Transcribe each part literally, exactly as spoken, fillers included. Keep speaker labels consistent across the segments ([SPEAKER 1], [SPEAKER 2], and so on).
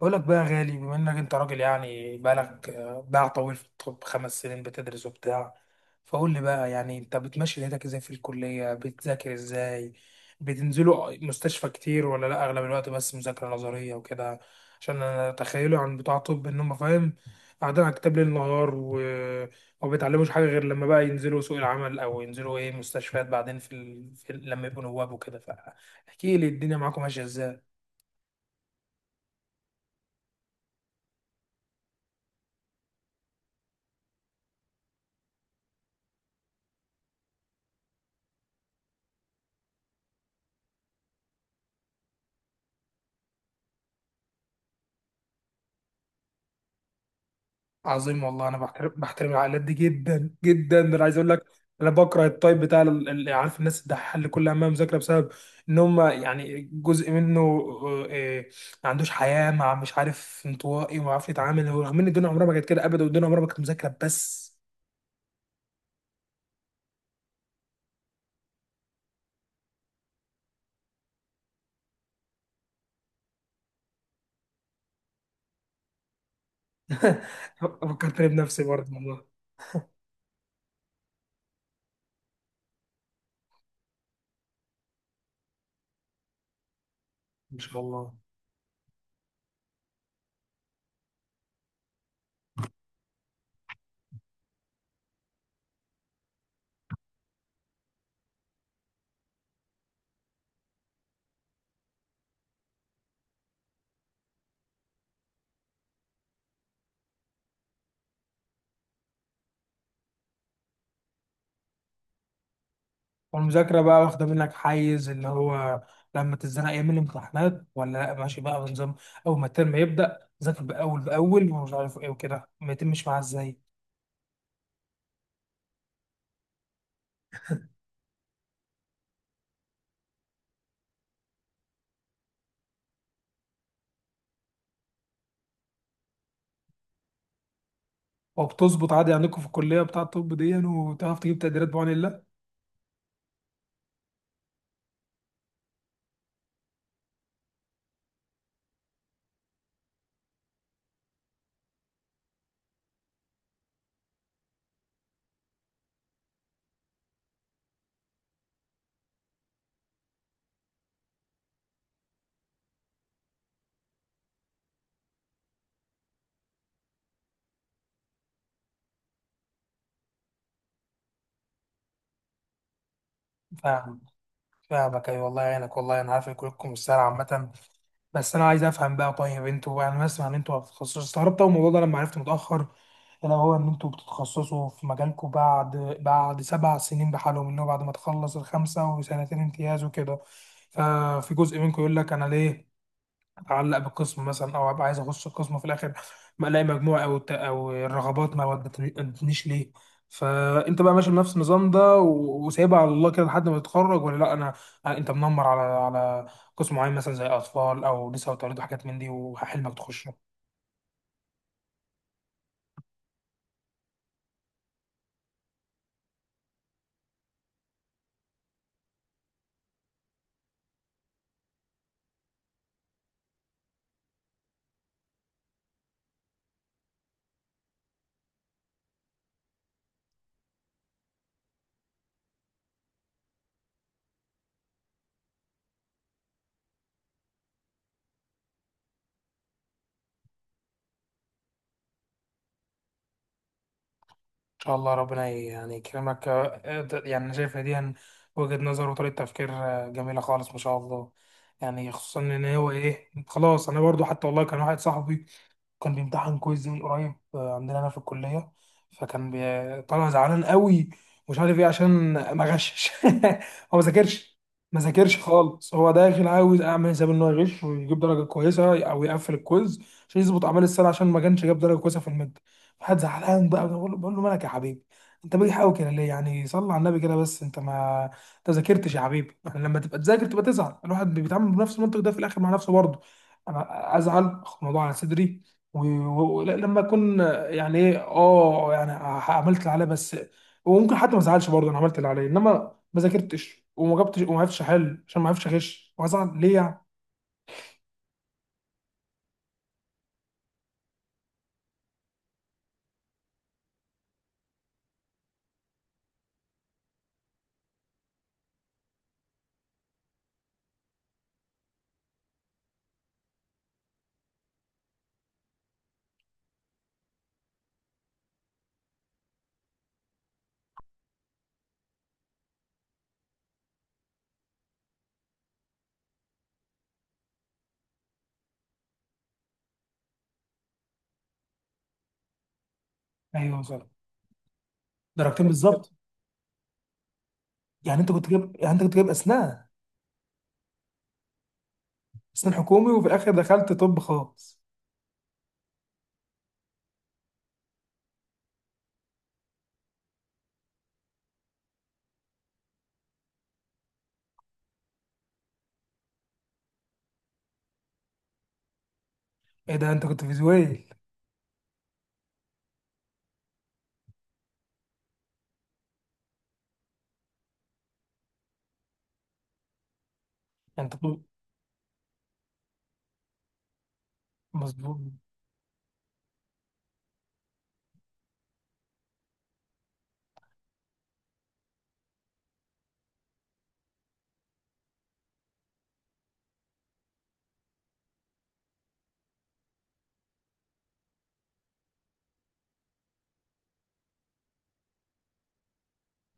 [SPEAKER 1] بقول لك بقى يا غالي، بما انك انت راجل يعني بقالك آه، باع طويل في الطب، خمس سنين بتدرس وبتاع. فقول لي بقى يعني انت بتمشي ليلتك ازاي في الكلية، بتذاكر ازاي، بتنزلوا مستشفى كتير ولا لا؟ اغلب الوقت بس مذاكرة نظرية وكده؟ عشان انا تخيله عن بتوع طب ان هم، فاهم، قاعدين على الكتاب ليل نهار، و... وما بيتعلموش حاجة غير لما بقى ينزلوا سوق العمل او ينزلوا ايه مستشفيات بعدين في, ال... في ال... لما يبقوا نواب وكده. فاحكي لي الدنيا معاكم ماشية ازاي. عظيم والله، انا بحترم بحترم العائلات دي جدا جدا، انا عايز اقول لك. انا بكره التايب بتاع ال- اللي عارف، الناس الدحيحه اللي كل همها مذاكره، بسبب ان هم يعني جزء منه آه، آه، ما عندوش حياه، مع مش عارف، انطوائي وما عارف يتعامل، رغم ان الدنيا عمرها ما كانت كده ابدا، والدنيا عمرها ما كانت مذاكره بس. فكرتني بنفسي برضه والله. ما شاء الله. والمذاكرة بقى واخدة منك حيز اللي هو، لما تتزنق يوم الامتحانات، ولا لا ماشي بقى بنظام، أول ما الترم يبدأ ذاكر بأول بأول ومش عارف إيه وكده، ما يتمش معاها إزاي؟ وبتظبط عادي عندكم في الكلية بتاع الطب دي يعني، وتعرف تجيب تقديرات بعون الله؟ فاهم، فاهمك أيوة، والله يعينك، والله أنا عارف إن كلكم مش سهلة عامة. بس انا عايز افهم بقى، طيب انتوا يعني، انا بسمع ان انتوا هتتخصصوا، استغربت اول الموضوع ده لما عرفت متاخر. الا هو ان انتوا بتتخصصوا في مجالكم بعد بعد سبع سنين بحالهم، اللي هو بعد ما تخلص الخمسه وسنتين امتياز وكده. ففي جزء منكم يقول لك انا ليه اعلق بقسم مثلا، او ابقى عايز اخش القسم، وفي الاخر ما الاقي مجموع او الت- او الرغبات ما ودتنيش ليه. فانت بقى ماشي بنفس النظام ده و- وسايبها على الله كده لحد ما تتخرج، ولا لا، انا انت منمر على على قسم معين مثلا زي اطفال او نساء وتوليد وحاجات من دي وحلمك تخشه؟ ان شاء الله، ربنا ي- يعني يكرمك. آه، ده- يعني انا شايف إن دي هن- وجهة نظر وطريقة تفكير آه، جميلة خالص ما شاء الله. يعني خصوصا ان هو ايه، خلاص. انا برضو حتى والله كان واحد صاحبي كان بيمتحن كويز من قريب آه، عندنا هنا في الكلية، فكان بي- طالع زعلان قوي، مش عارف ايه، عشان ما غشش. هو ما ذاكرش. ما ذاكرش خالص، هو داخل عاوز اعمل حساب ان هو يغش ويجيب درجة كويسة او يقفل الكويز عشان يظبط اعمال السنة، عشان ما كانش جاب درجة كويسة في المادة. فقعد زعلان بقى، بقول له بقول له مالك يا حبيبي، انت بتحاول كده ليه؟ يعني صلي على النبي كده، بس انت ما انت ذاكرتش يا حبيبي. يعني لما تبقى تذاكر تبقى تزعل. الواحد بيتعامل بنفس المنطق ده في الاخر مع نفسه برضه. انا ازعل، اخد الموضوع على صدري، ولما اكون يعني ايه اه يعني ح- عملت اللي عليا بس. وممكن حتى ما ازعلش برضه، انا عملت اللي عليا، انما ما ذاكرتش وما جبتش وما عرفتش احل عشان ما عرفتش اغش، وازعل ليه يعني؟ ايوه صح، درجتين بالظبط. يعني انت كنت جايب، يعني انت كنت جايب اسنان. اسنان حكومي وفي الاخر دخلت طب خاص. ايه ده انت كنت فيزويل؟ انت طب. مظبوط.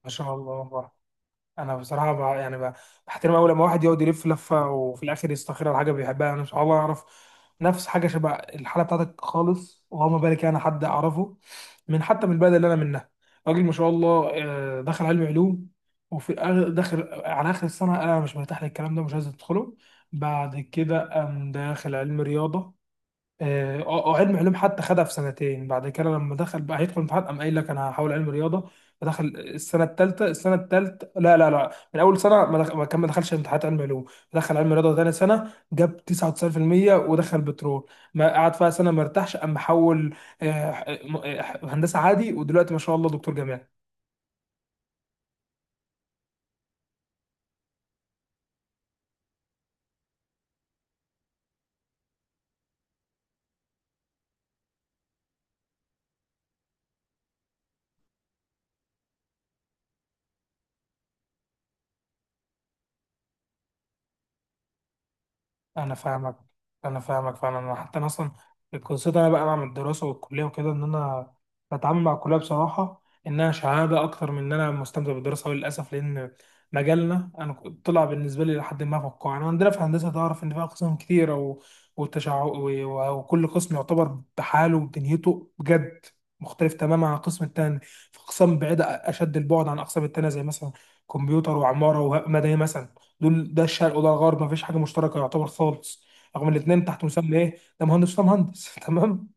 [SPEAKER 1] ما شاء الله. انا بصراحه بقى يعني بقى بحترم اول لما واحد يقعد يلف لفه وفي الاخر يستخير على حاجه بيحبها. انا مش عارف اعرف نفس حاجه شبه الحاله بتاعتك خالص، وما بالك انا حد اعرفه من حتى من البلد اللي انا منها، راجل ما شاء الله، آه، دخل علم علوم، وفي الآخر- داخل على اخر السنه: انا مش مرتاح للكلام ده، مش عايز ادخله. بعد كده قام داخل علم رياضه. اه آه، علم علوم حتى خدها في سنتين، بعد كده لما دخل بقى هيدخل امتحان قام قايل لك انا هحاول علم رياضه. فدخل السنه الثالثه، السنه الثالثه لا لا لا، من اول سنه ما دخل ما كان ما دخلش امتحانات علم علوم، دخل علم رياضه ثاني سنه، جاب تسعة وتسعون في المئة ودخل بترول. ما قعد فيها سنه ما ارتاحش قام حول آه، آه، هندسه عادي، ودلوقتي ما شاء الله دكتور جامعي. انا فاهمك، انا فاهمك فعلا. انا حتى انا اصلا القصه انا بقى مع الدراسه والكليه وكده ان انا بتعامل مع الكليه بصراحه انها شهاده اكتر من ان انا مستمتع بالدراسه، وللاسف لان مجالنا، انا كنت- طلع بالنسبه لي لحد ما فقاعه. انا عندنا في هندسه تعرف ان في اقسام كتيره و... والتشع... و... وكل قسم يعتبر بحاله ودنيته بجد مختلف تماما عن القسم التاني. في اقسام بعيده اشد البعد عن الاقسام التانيه، زي مثلا كمبيوتر وعماره ومدني مثلا، دول ده الشرق وده الغرب، مفيش حاجه مشتركه يعتبر خالص، رغم الاثنين تحت مسمى ايه، ده مهندس وده مهندس. تمام.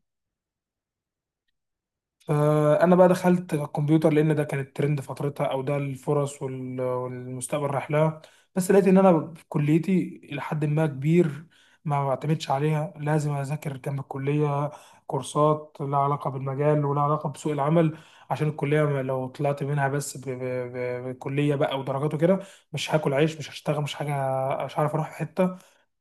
[SPEAKER 1] فانا بقى دخلت الكمبيوتر لان ده كان الترند فترتها، او ده الفرص وال- والمستقبل رايح لها. بس لقيت ان انا في كليتي الى حد ما كبير ما بعتمدش عليها، لازم اذاكر جنب الكليه كورسات لها علاقه بالمجال ولها علاقه بسوق العمل، عشان الكليه ما- لو طلعت منها بس ب- ب- ب- بكليه بقى ودرجات وكده مش هاكل عيش، مش هشتغل، مش حاجه، مش هعرف اروح في حته.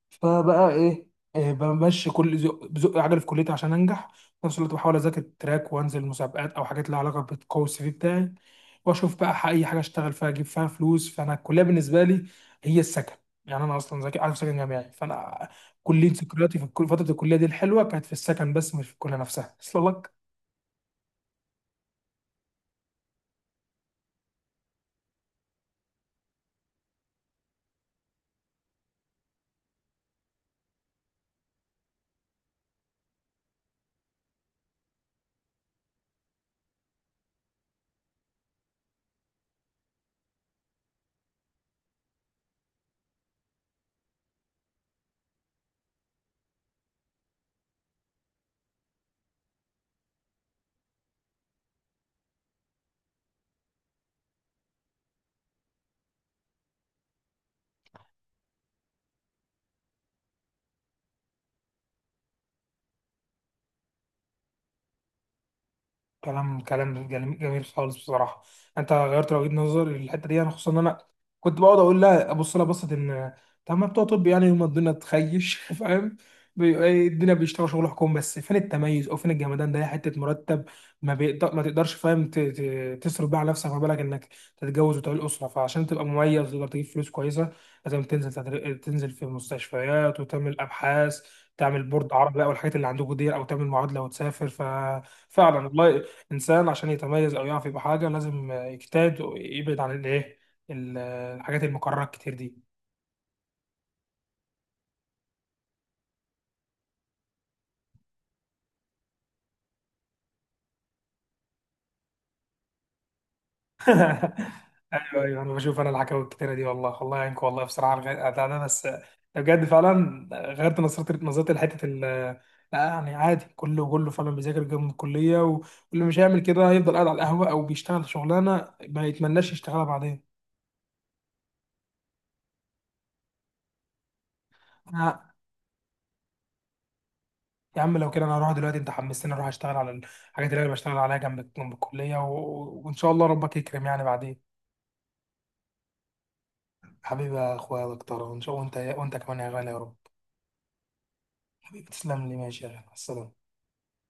[SPEAKER 1] فبقى ايه، إيه، بمشي كل زق بزق عجل في كليتي عشان انجح. في نفس الوقت بحاول اذاكر تراك وانزل مسابقات او حاجات لها علاقه بتقوي السي في بتاعي، واشوف بقى ح- اي حاجه اشتغل فيها اجيب فيها فلوس. فانا الكليه بالنسبه لي هي السكن، يعني انا اصلا ذاكر عارف سكن جامعي، فانا كليه ذكرياتي في الكل- فتره الكليه دي الحلوه كانت في السكن بس مش في الكليه نفسها. اصل لك، كلام كلام جميل جميل خالص بصراحه، انت غيرت وجهه نظري للحته دي. انا خصوصا ان انا كنت بقعد اقول لها، ابص لها بصت ان طب ما بتوع طب يعني يوم ما الدنيا تخيش فاهم، بيبقى إيه، الدنيا بيشتغل شغل حكومي بس، فين التميز او فين الجمدان ده؟ هي حته مرتب ما بيقدر، ما تقدرش فاهم ت- ت- تصرف بقى على نفسك، ما بالك انك تتجوز وتعمل اسره. فعشان تبقى مميز وتقدر تجيب فلوس كويسه لازم تنزل، تدر- تنزل في مستشفيات وتعمل ابحاث، تعمل بورد عربي او الحاجات اللي عندكم دي او تعمل معادله وتسافر ف. فعلا والله الإنسان عشان يتميز أو يعرف يبقى حاجة لازم يجتهد ويبعد عن الإيه، ال- الحاجات المكررة الكتير دي. أيوه أيوه، أنا بشوف أنا الحكاوي الكتيرة دي، والله الله يعينكم، والله بصراحة على الغ- ده ده بس بجد فعلا غيرت نظرتي نظرتي لحتة ال، لا يعني عادي، كله كله فعلا بيذاكر جنب الكلية، واللي مش هيعمل كده هيفضل قاعد على القهوة أو بيشتغل شغلانة ما يتمناش يشتغلها بعدين. يا عم لو كده انا هروح دلوقتي، انت حمستني اروح اشتغل على الحاجات اللي انا بشتغل عليها جنب جنب الكليه، و... وان شاء الله ربك يكرم يعني بعدين. حبيبي يا اخويا يا دكتور، وان شاء الله، وانت وانت كمان يا غالي يا رب. حبيبي تسلم لي، ماشي يا غالي، مع السلامه.